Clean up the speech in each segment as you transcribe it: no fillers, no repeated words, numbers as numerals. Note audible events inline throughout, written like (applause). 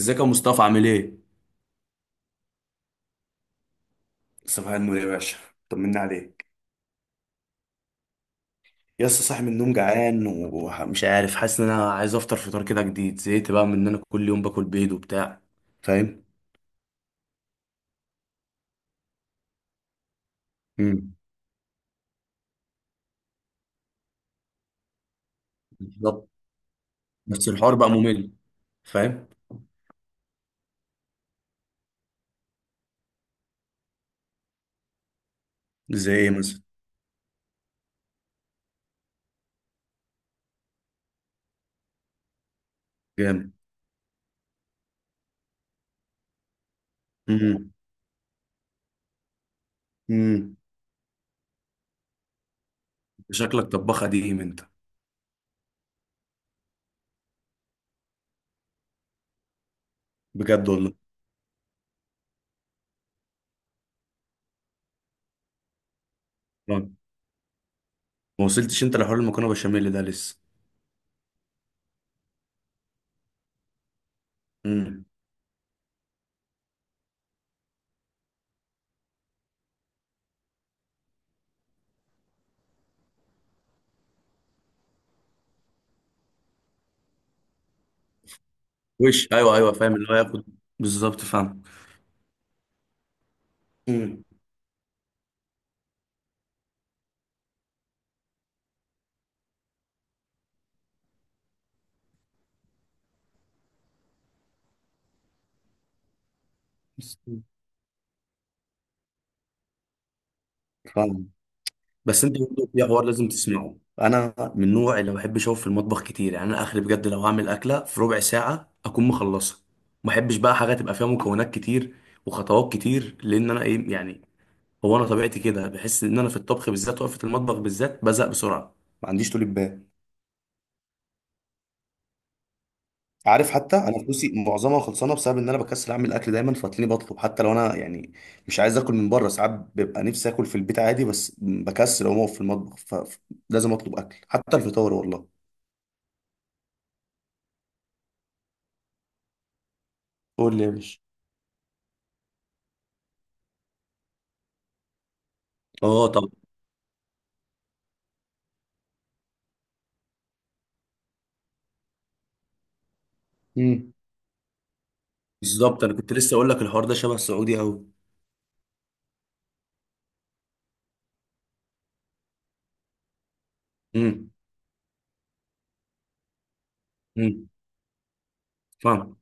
ازيك يا مصطفى؟ عامل ايه؟ صباح النور يا باشا. طمنا عليك. يا اسطى، صاحي من النوم جعان ومش عارف، حاسس ان انا عايز افطر فطار كده جديد. زهقت بقى من ان انا كل يوم باكل بيض وبتاع. فاهم؟ امم بالظبط، بس الحوار بقى ممل. فاهم؟ زي ايه مثلا؟ جامد. امم امم شكلك طباخ قديم انت. بجد والله. آه. ما وصلتش انت لحوار المكرونه بشاميل ده لسه. امم وش ايوه ايوه، فاهم اللي هو ياخد. بالظبط، فاهم. امم فاهم. بس انت برضه في حوار لازم تسمعه، انا من النوع اللي ما بحبش اقف في المطبخ كتير. يعني انا اخري بجد لو هعمل اكله في ربع ساعه اكون مخلصها. ما بحبش بقى حاجه تبقى فيها مكونات كتير وخطوات كتير، لان انا ايه يعني، هو انا طبيعتي كده، بحس ان انا في الطبخ بالذات، وقفه المطبخ بالذات، بزهق بسرعه. ما عنديش طول بال. عارف، حتى انا فلوسي معظمها خلصانه بسبب ان انا بكسل اعمل اكل دايما، فتلاقيني بطلب حتى لو انا يعني مش عايز اكل من بره. ساعات ببقى نفسي اكل في البيت عادي، بس بكسل اقوم اقف في المطبخ، فلازم اطلب اكل حتى الفطار والله. قول لي يا باشا. اه طب. امم بالظبط، انا كنت لسه اقول لك الحوار ده شبه السعودي قوي. امم امم فاهم.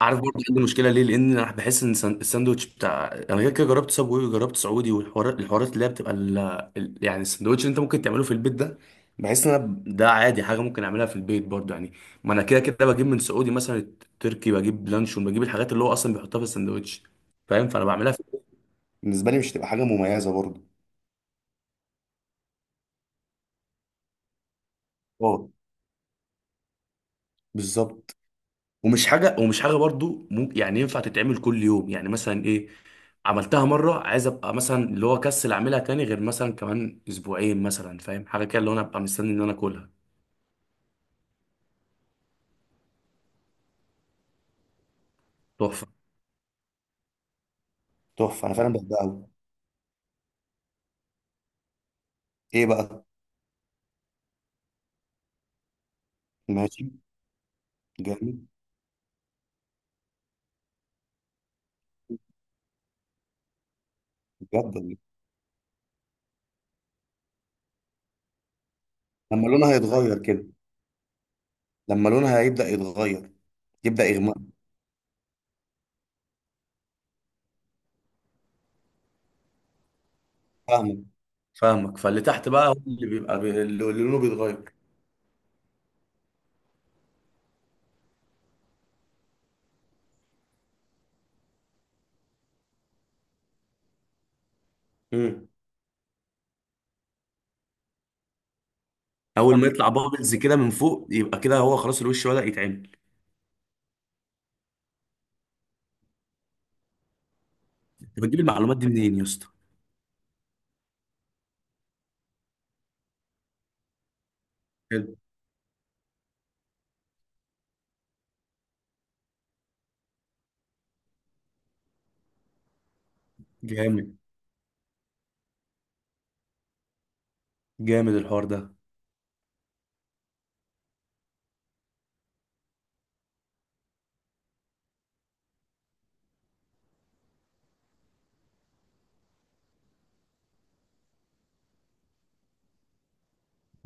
عارف، برضه عندي مشكله، ليه؟ لان انا بحس ان الساندوتش بتاع انا، غير كده جربت سابوي وجربت سعودي، والحوارات، اللي هي بتبقى ال... يعني الساندوتش اللي انت ممكن تعمله في البيت ده، بحس ان انا ده عادي، حاجه ممكن اعملها في البيت برضه يعني. ما انا كده كده بجيب من سعودي مثلا تركي، بجيب لانشون، بجيب الحاجات اللي هو اصلا بيحطها في الساندوتش. فاهم؟ فانا بعملها في... بالنسبه لي مش تبقى حاجه مميزه برضه. اه بالظبط. ومش حاجه برضو ممكن يعني ينفع تتعمل كل يوم، يعني مثلا ايه، عملتها مره، عايز ابقى مثلا اللي هو كسل اعملها تاني غير مثلا كمان اسبوعين مثلا، فاهم؟ حاجه كده، اللي هو انا ابقى مستني ان انا اكلها. تحفه. تحفة، أنا فعلا بحبها أوي. إيه بقى؟ ماشي. جميل. بجد والله. لما لونها يتغير كده. لما لونها هيبدأ يتغير، يبدأ يغمق. فاهمك. فاهمك، فاللي تحت بقى هو اللي بيبقى بي... اللي، اللي لونه بيتغير. امم اول ما يطلع بابلز كده من فوق، يبقى كده هو خلاص الوش بدأ يتعمل. انت بتجيب المعلومات دي منين يا اسطى؟ حلو. جامد. جامد الحوار ده.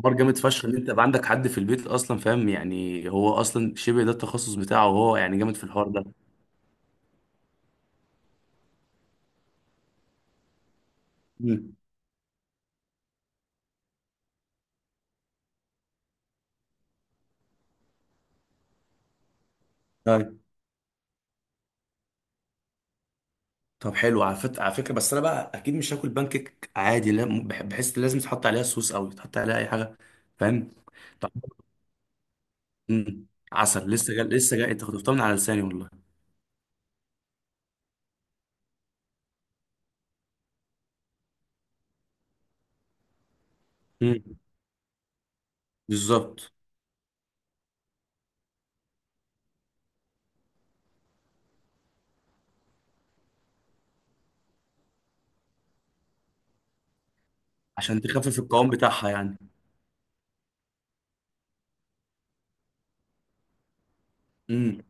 حوار جامد فشخ ان انت يبقى عندك حد في البيت اصلا، فاهم يعني؟ هو اصلا شبه ده التخصص بتاعه، وهو يعني جامد في الحوار ده. مم. طيب. طب حلو. على على فكره، بس انا بقى اكيد مش هاكل بانكيك عادي لا، بحس لازم تحط عليها صوص او تحط عليها اي حاجه. فاهم؟ طب. مم. عسل، لسه جاي لسه جاي، انت خطفتها من على لساني والله. مم. بالظبط، عشان تخفف القوام بتاعها يعني.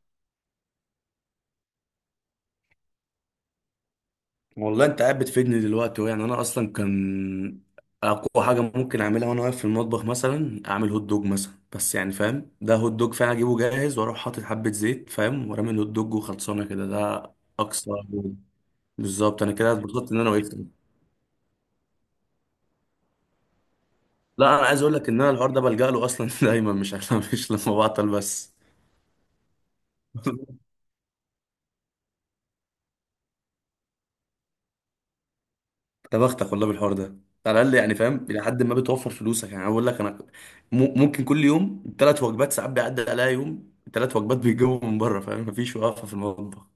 والله انت قاعد بتفيدني دلوقتي يعني. انا اصلا كان اقوى حاجه ممكن اعملها وانا واقف في المطبخ مثلا اعمل هوت دوج مثلا. بس يعني فاهم، ده هوت دوج فعلا اجيبه جاهز واروح حاطط حبه زيت، فاهم، ورامي الهوت دوج وخلصانه كده. ده اقصى. بالظبط، انا كده اتبسطت ان انا وقفت. لا، انا عايز اقول لك ان انا الحوار ده بلجأ له اصلا (laughs) دايما، مش عشان مش لما بعطل بس. (laughs) يا بختك والله بالحوار ده. على الاقل يعني فاهم، الى حد ما بتوفر فلوسك يعني. أنا بقول لك، انا ممكن كل يوم ثلاث وجبات، ساعات بيعدي عليا يوم ثلاث وجبات بيجيبوا من بره، فاهم؟ مفيش وقفه في المطبخ.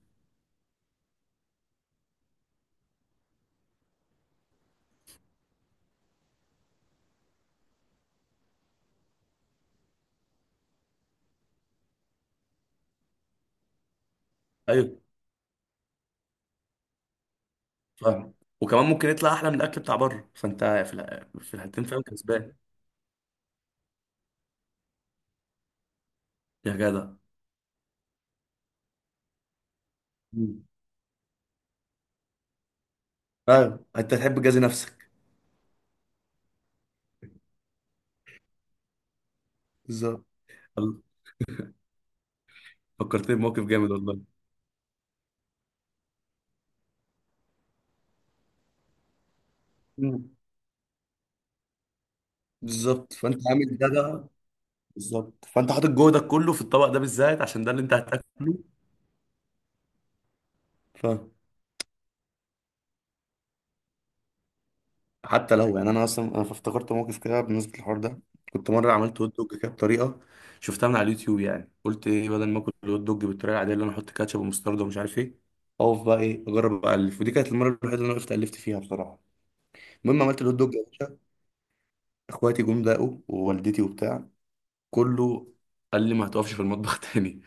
ايوه فاهم. وكمان ممكن يطلع احلى من الاكل بتاع بره، فانت في في الحالتين فاهم كسبان. يا جدع. مم. ايوه، انت تحب تجازي نفسك. بالظبط. الله. فكرتني بموقف جامد والله. مم. بالظبط، فانت عامل ده. بالظبط، فانت حاطط جهدك كله في الطبق ده بالذات عشان ده اللي انت هتاكله. حتى لو يعني، انا اصلا انا افتكرت موقف كده بالنسبه للحوار ده. كنت مره عملت هوت دوج كده بطريقه شفتها من على اليوتيوب. يعني قلت ايه، بدل ما اكل الهوت دوج بالطريقه العاديه، اللي انا احط كاتشب ومستردة ومش عارف ايه، اقف بقى ايه اجرب الف. ودي كانت المره الوحيده اللي انا وقفت الفت فيها بصراحه. المهم عملت الهوت دوج يا باشا، اخواتي جم دقوا، ووالدتي وبتاع، كله قال لي ما هتقفش في المطبخ (laughs) تاني.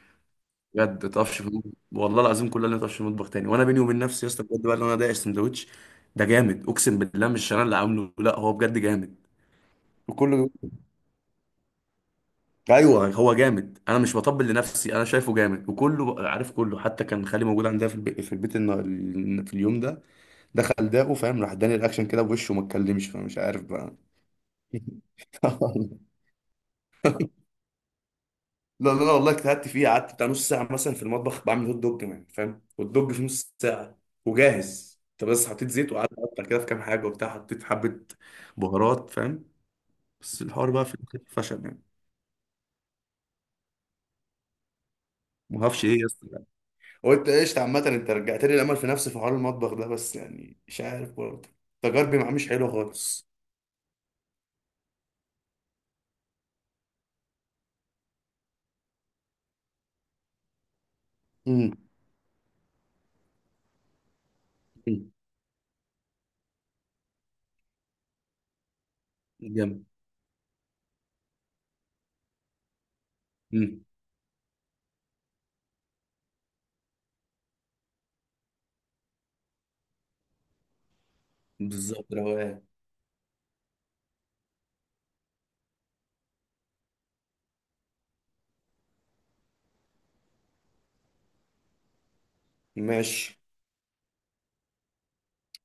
بجد، ما تقفش في المطبخ والله العظيم، كله قال لي ما تقفش في المطبخ تاني. وانا بيني وبين نفسي يا اسطى بجد بقى، اللي انا دايق السندوتش ده جامد، اقسم بالله مش انا اللي عامله، لا هو بجد جامد. وكله، ايوه هو جامد. انا مش بطبل لنفسي، انا شايفه جامد، وكله عارف كله، حتى كان خالي موجود عندها في البيت، في اليوم ده، دخل داقه فاهم، راح اداني الاكشن كده بوشه وما اتكلمش، فمش عارف بقى. (laughs) لا لا لا والله اجتهدت فيه، قعدت بتاع نص ساعه مثلا في المطبخ بعمل هوت دوج، كمان فاهم، هوت دوج في نص ساعه وجاهز. انت بس حطيت زيت وقعدت اقطع كده في كام حاجه وبتاع، حطيت حبه بهارات فاهم. بس الحوار بقى في الآخر فشل يعني. ما اعرفش ايه يا اسطى. قلت قشطة. عامة انت رجعت لي الامل في نفسي في حوار المطبخ ده، بس يعني مش عارف برضه، تجاربي معاه مش حلوة خالص. امم أمم. جامد. امم بالظبط روقان. ماشي.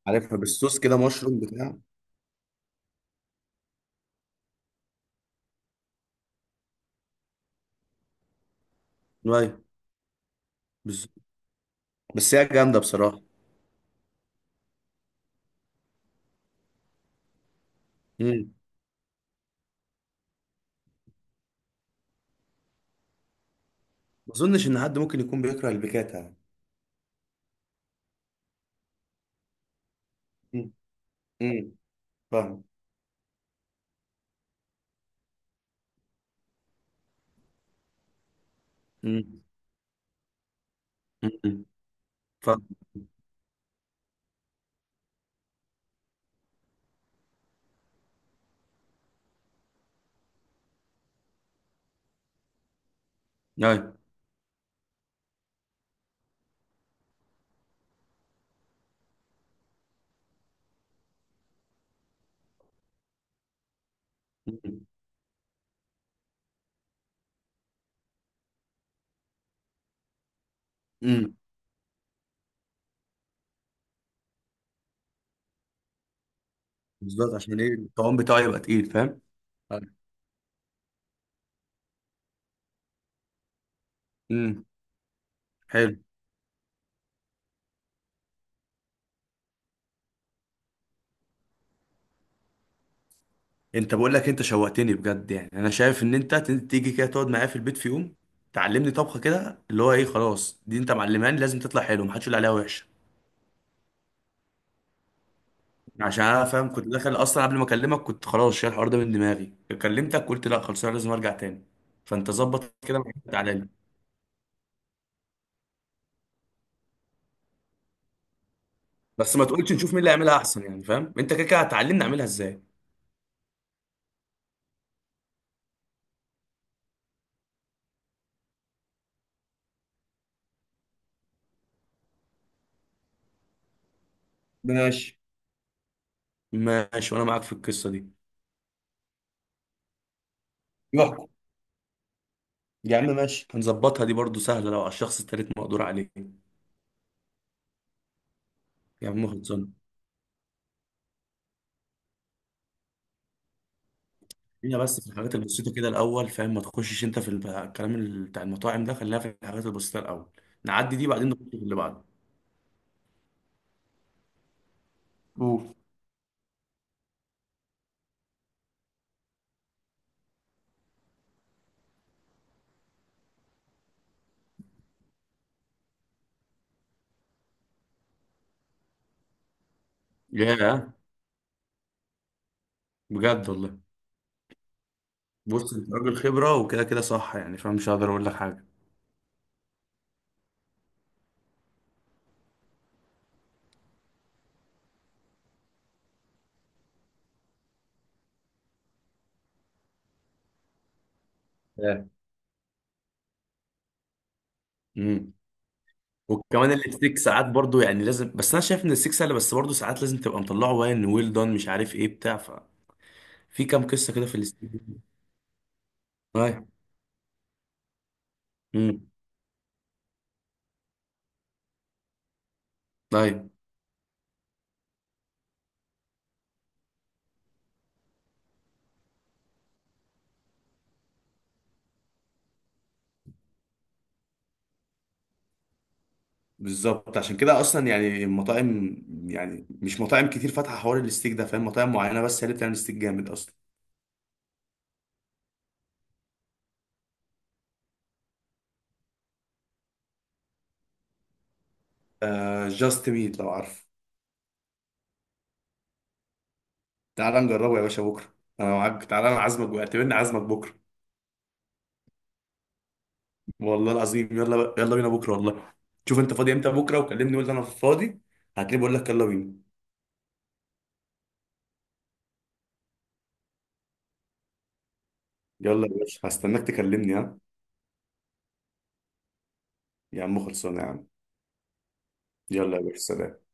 عارفها، بالصوص كده، مشروم بتاع ايوه. بالظبط. بس هي جامده بصراحه. امم ما اظنش ان حد ممكن يكون بيكره البيكاتا يعني. امم امم فاهم. امم امم فاهم. ايوه. امم امم بالظبط، عشان ايه الطعام بتاعه يبقى تقيل فاهم. أيوة. امم حلو. انت بقول لك انت شوقتني بجد، يعني انا شايف ان انت تيجي كده تقعد معايا في البيت في يوم تعلمني طبخه كده، اللي هو ايه، خلاص دي انت معلماني لازم تطلع حلو، محدش يقول عليها وحشه. عشان انا فاهم كنت داخل اصلا قبل ما اكلمك كنت خلاص شايل الحوار ده من دماغي. كلمتك قلت لا خلاص انا لازم ارجع تاني. فانت ظبط كده، معاك، تعالى لي. بس ما تقولش نشوف مين اللي هيعملها احسن، يعني فاهم انت كده كده هتعلمني اعملها ازاي. ماشي. ماشي، وانا معاك في القصه دي. يحكم. يا عم ماشي، هنظبطها. دي برضو سهله، لو على الشخص التالت مقدور عليه. يا عم خلصان. هي بس في الحاجات البسيطة كده الأول، فاهم، ما تخشش أنت في الكلام بتاع المطاعم ده، خلينا في الحاجات البسيطة الأول، نعدي دي بعدين نخش في اللي بعده. قول. ياه. بجد والله. بص، أنت راجل خبرة وكده كده صح يعني فاهم، مش هقدر أقول لك حاجة. آه. امم وكمان الاستيك ساعات برضو يعني لازم، بس أنا شايف إن الاستيك سهل، بس برضو ساعات لازم تبقى مطلعه وين ويل دون مش عارف إيه بتاع، ففي كام قصة كده في الاستيك. طيب. امم طيب. بالظبط، عشان كده اصلا يعني المطاعم، يعني مش مطاعم كتير فاتحه حوار الستيك ده، فاهم، مطاعم معينه بس هي اللي بتعمل ستيك جامد اصلا. آه، جاست ميت لو عارف. تعالى نجربه يا باشا بكره. انا معاك، تعالى، انا عازمك بقى، اعتبرني عازمك بكره. والله العظيم، يلا بقى، يلا بينا بكره والله. شوف انت فاضي امتى بكره وكلمني، قول لي انا فاضي، هتلاقيني بقول لك يلا بينا. يلا يا باشا، هستناك تكلمني. ها، يا عم خلصانه يا عم. يلا يا باشا، سلام.